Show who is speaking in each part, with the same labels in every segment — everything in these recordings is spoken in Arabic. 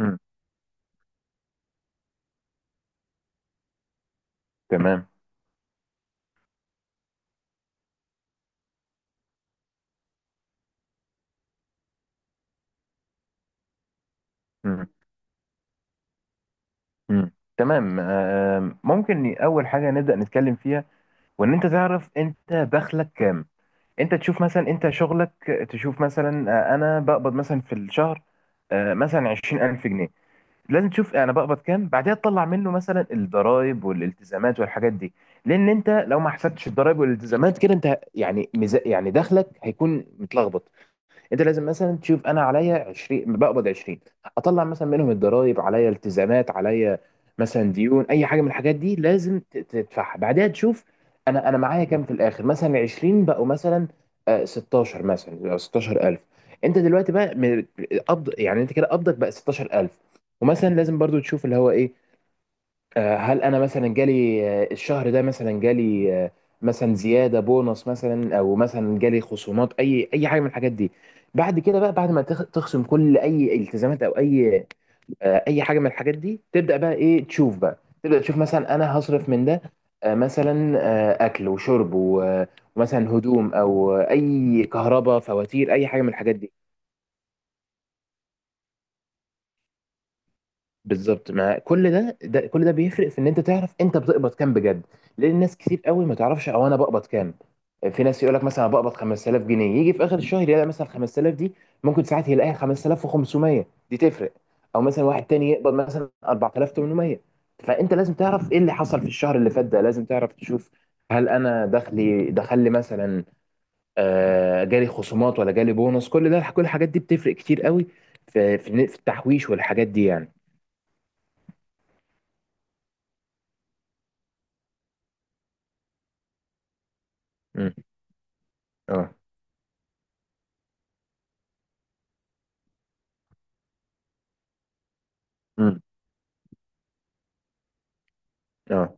Speaker 1: مم. تمام. مم. مم. تمام. ممكن اول حاجه نبدا نتكلم فيها، وان انت تعرف انت دخلك كام. انت تشوف مثلا انت شغلك، تشوف مثلا انا بقبض مثلا في الشهر مثلا 20000 جنيه. لازم تشوف انا بقبض كام، بعدها تطلع منه مثلا الضرائب والالتزامات والحاجات دي. لان انت لو ما حسبتش الضرائب والالتزامات كده، انت يعني يعني دخلك هيكون متلخبط. انت لازم مثلا تشوف انا عليا 20، بقبض 20، اطلع مثلا منهم الضرايب عليا، التزامات عليا، مثلا ديون، اي حاجه من الحاجات دي لازم تدفعها. بعدها تشوف انا معايا كام في الاخر. مثلا 20 بقوا مثلا 16، مثلا بقوا 16000. انت دلوقتي بقى قبض، يعني انت كده قبضك بقى 16000. ومثلا لازم برضو تشوف اللي هو ايه. هل انا مثلا جالي الشهر ده مثلا جالي مثلا زياده، بونص مثلا، او مثلا جالي خصومات، اي حاجه من الحاجات دي. بعد كده بقى، بعد ما تخصم كل اي التزامات او اي اي حاجه من الحاجات دي، تبدا بقى ايه، تشوف بقى، تبدا تشوف مثلا انا هصرف من ده مثلا اكل وشرب ومثلا هدوم، او اي كهرباء، فواتير، اي حاجه من الحاجات دي. بالظبط. مع كل ده، كل ده بيفرق في ان انت تعرف انت بتقبض كام بجد. لان ناس كتير قوي ما تعرفش او انا بقبض كام. في ناس يقول لك مثلا أنا بقبض 5000 جنيه، يجي في اخر الشهر يلاقي مثلا 5000 دي ممكن ساعات يلاقيها 5500، دي تفرق. او مثلا واحد تاني يقبض مثلا 4800. فانت لازم تعرف ايه اللي حصل في الشهر اللي فات ده. لازم تعرف تشوف هل انا دخلي دخل لي مثلا جالي خصومات ولا جالي بونص. كل ده، كل الحاجات دي بتفرق كتير قوي في في التحويش والحاجات دي يعني. امم. امم. اه.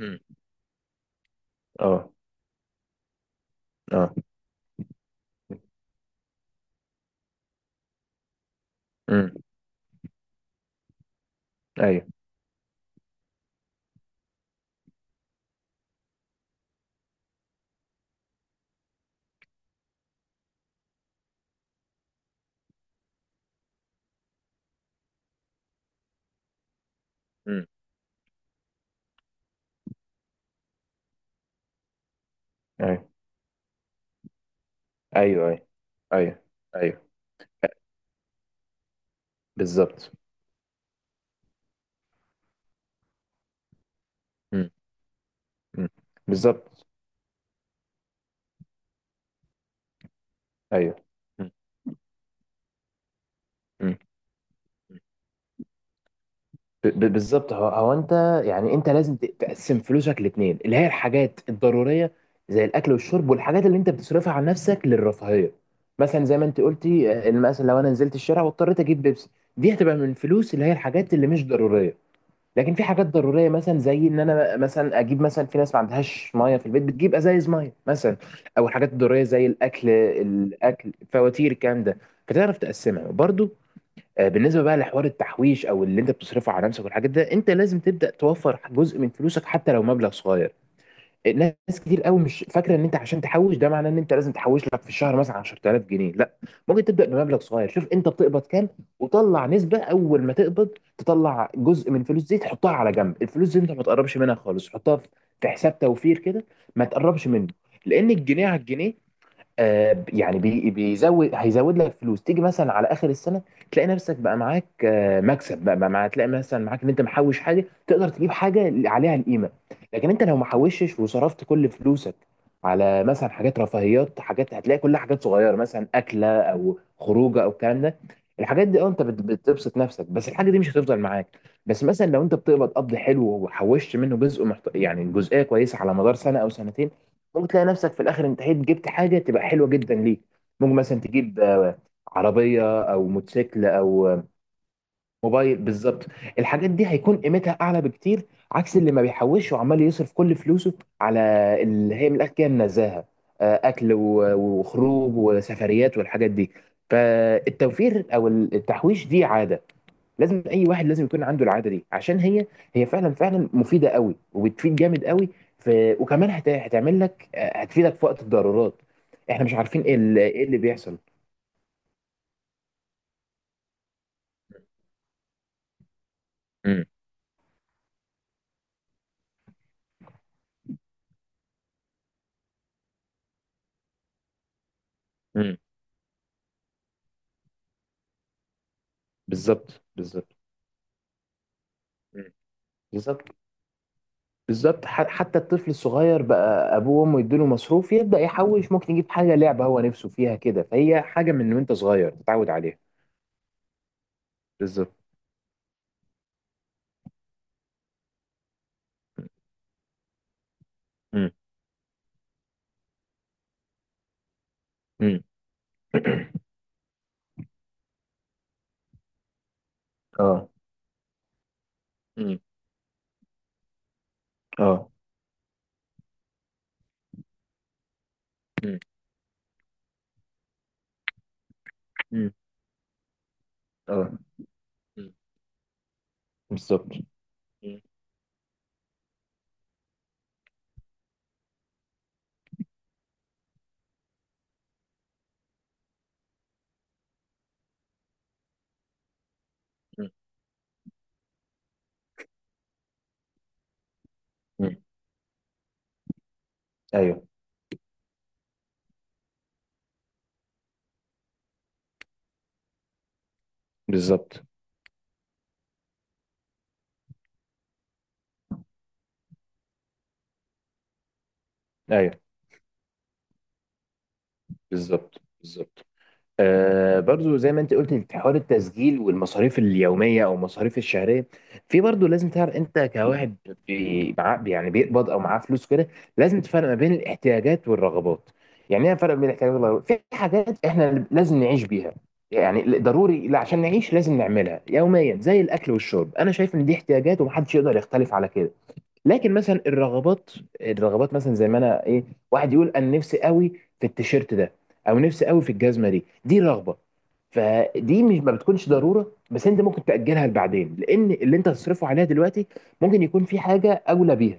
Speaker 1: امم. اه. اه. امم. ايوه. امم. ايوه. ايوه. ايوه. ايوه. ايوه. بالظبط. امم. امم. بالظبط. ايوه. امم. امم. بالظبط. هو هو انت، يعني انت لازم تقسم فلوسك لاتنين، اللي هي الحاجات الضروريه زي الاكل والشرب، والحاجات اللي انت بتصرفها على نفسك للرفاهيه. مثلا زي ما انت قلتي مثلا لو انا نزلت الشارع واضطريت اجيب بيبسي، دي هتبقى من الفلوس اللي هي الحاجات اللي مش ضروريه. لكن في حاجات ضروريه مثلا زي ان انا مثلا اجيب مثلا، في ناس ما عندهاش ميه في البيت بتجيب ازايز ميه مثلا، او الحاجات الضروريه زي الاكل، فواتير، الكلام ده، فتعرف تقسمها برضو. بالنسبه بقى لحوار التحويش او اللي انت بتصرفه على نفسك والحاجات ده، انت لازم تبدا توفر جزء من فلوسك حتى لو مبلغ صغير. ناس كتير قوي مش فاكره ان انت عشان تحوش ده معناه ان انت لازم تحوش لك في الشهر مثلا 10000 جنيه، لا. ممكن تبدا بمبلغ صغير، شوف انت بتقبض كام وطلع نسبه، اول ما تقبض تطلع جزء من الفلوس دي تحطها على جنب. الفلوس دي انت ما تقربش منها خالص، حطها في حساب توفير كده، ما تقربش منه. لان الجنيه على الجنيه يعني بيزود، هيزود لك فلوس. تيجي مثلا على اخر السنه، تلاقي نفسك بقى معاك مكسب بقى بقى مع تلاقي مثلا معاك ان انت محوش حاجه، تقدر تجيب حاجه عليها القيمه. لكن انت لو محوشش وصرفت كل فلوسك على مثلا حاجات رفاهيات، حاجات هتلاقي كلها حاجات صغيره مثلا اكله او خروجه او الكلام ده. الحاجات دي اه انت بتبسط نفسك، بس الحاجه دي مش هتفضل معاك. بس مثلا لو انت بتقبض قبض حلو وحوشت منه جزء يعني جزئيه كويسه، على مدار سنه او سنتين ممكن تلاقي نفسك في الاخر انتهيت، جبت حاجه تبقى حلوه جدا ليك. ممكن مثلا تجيب عربيه او موتوسيكل او موبايل. بالظبط. الحاجات دي هيكون قيمتها اعلى بكتير، عكس اللي ما بيحوش وعمال يصرف كل فلوسه على اللي هي من الاخر كده النزاهه، اكل وخروج وسفريات والحاجات دي. فالتوفير او التحويش دي عاده، لازم اي واحد لازم يكون عنده العاده دي، عشان هي هي فعلا فعلا مفيده قوي وبتفيد جامد قوي في، وكمان هتعمل لك هتفيدك في وقت الضرورات. احنا مش عارفين ايه إيه اللي بيحصل. امم. امم. بالظبط. بالظبط. مم. بالظبط. بالظبط حتى الطفل الصغير بقى ابوه وامه يديله مصروف يبدا يحوش، ممكن يجيب حاجه لعبه هو نفسه فيها كده، فهي حاجه من وانت صغير تتعود عليها. بالظبط. امم. امم. اه. امم. اه. امم. اه. مم. بالظبط. مم. مم. ايوه. بالظبط. ايوه. بالظبط. بالظبط. برضو زي ما انت قلت، حوار التسجيل والمصاريف اليوميه او المصاريف الشهريه في. برضو لازم تعرف انت كواحد معاه، يعني بيقبض او معاه فلوس كده، لازم تفرق ما بين الاحتياجات والرغبات. يعني ايه الفرق بين الاحتياجات والرغبات؟ في حاجات احنا لازم نعيش بيها، يعني ضروري لا عشان نعيش لازم نعملها يوميا زي الاكل والشرب، انا شايف ان دي احتياجات ومحدش يقدر يختلف على كده. لكن مثلا الرغبات، مثلا زي ما انا ايه، واحد يقول انا نفسي قوي في التيشيرت ده، او نفسي قوي في الجزمه دي، دي رغبه. فدي مش ما بتكونش ضروره، بس انت ممكن تاجلها لبعدين، لان اللي انت هتصرفه عليها دلوقتي ممكن يكون في حاجه اولى بيها،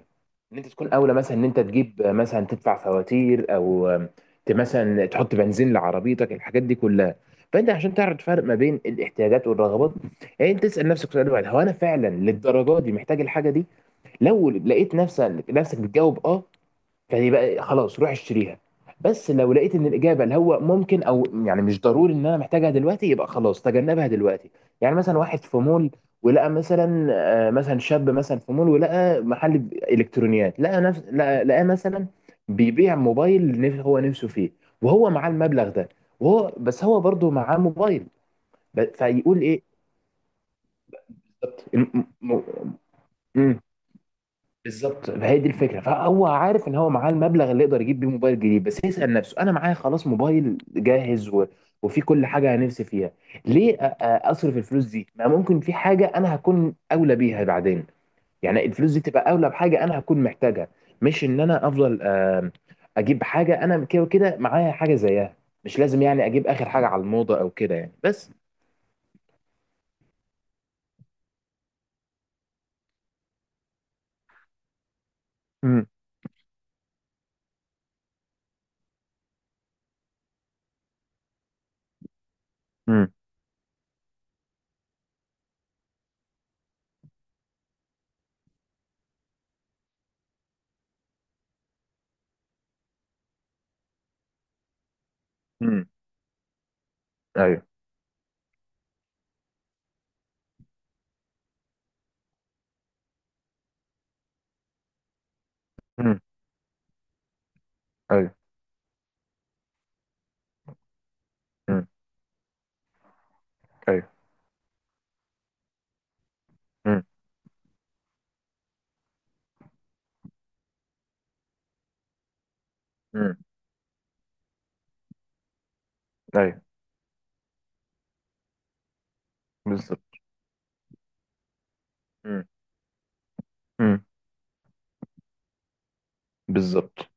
Speaker 1: ان انت تكون اولى مثلا ان انت تجيب مثلا تدفع فواتير، او مثلا تحط بنزين لعربيتك، الحاجات دي كلها. فانت عشان تعرف تفرق ما بين الاحتياجات والرغبات، يعني انت تسال نفسك سؤال واحد، هو انا فعلا للدرجه دي محتاج الحاجه دي؟ لو لقيت نفسك بتجاوب اه، يعني بقى خلاص روح اشتريها. بس لو لقيت ان الاجابه اللي هو ممكن او يعني مش ضروري ان انا محتاجها دلوقتي، يبقى خلاص تجنبها دلوقتي. يعني مثلا واحد في مول ولقى مثلا مثلا شاب مثلا في مول ولقى محل الكترونيات، لقى نفس لقى لقى مثلا بيبيع موبايل، هو نفسه فيه، وهو معاه المبلغ ده، وهو بس هو برضه معاه موبايل. فيقول ايه؟ بالظبط. م- بالظبط، فهي دي الفكره. فهو عارف ان هو معاه المبلغ اللي يقدر يجيب بيه موبايل جديد، بس يسال نفسه انا معايا خلاص موبايل جاهز، و... وفي كل حاجه انا نفسي فيها، ليه اصرف الفلوس دي؟ ما ممكن في حاجه انا هكون اولى بيها بعدين، يعني الفلوس دي تبقى اولى بحاجه انا هكون محتاجها، مش ان انا افضل اجيب حاجه انا كده وكده معايا حاجه زيها، مش لازم يعني اجيب اخر حاجه على الموضه او كده يعني بس. امم. امم. امم. ايوه. امم. ايوه. امم. ايوه. امم. امم. ايوه. بالظبط. امم. بالظبط.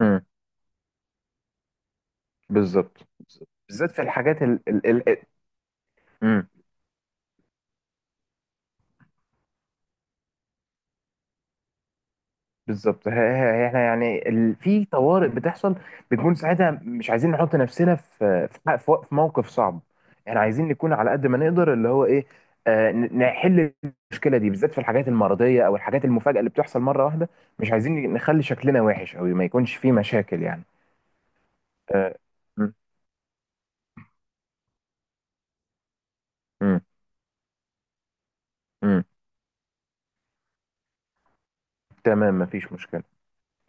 Speaker 1: امم. بالظبط بالذات في الحاجات امم. بالظبط احنا يعني في طوارئ بتحصل، بنكون ساعتها مش عايزين نحط نفسنا في في, ح- في وق- في موقف صعب. احنا عايزين نكون على قد ما نقدر اللي هو ايه نحل المشكله دي، بالذات في الحاجات المرضيه او الحاجات المفاجاه اللي بتحصل مره واحده، مش عايزين نخلي شكلنا وحش او ما يكونش فيه مشاكل يعني. آه. امم. امم. تمام، مفيش مشكله.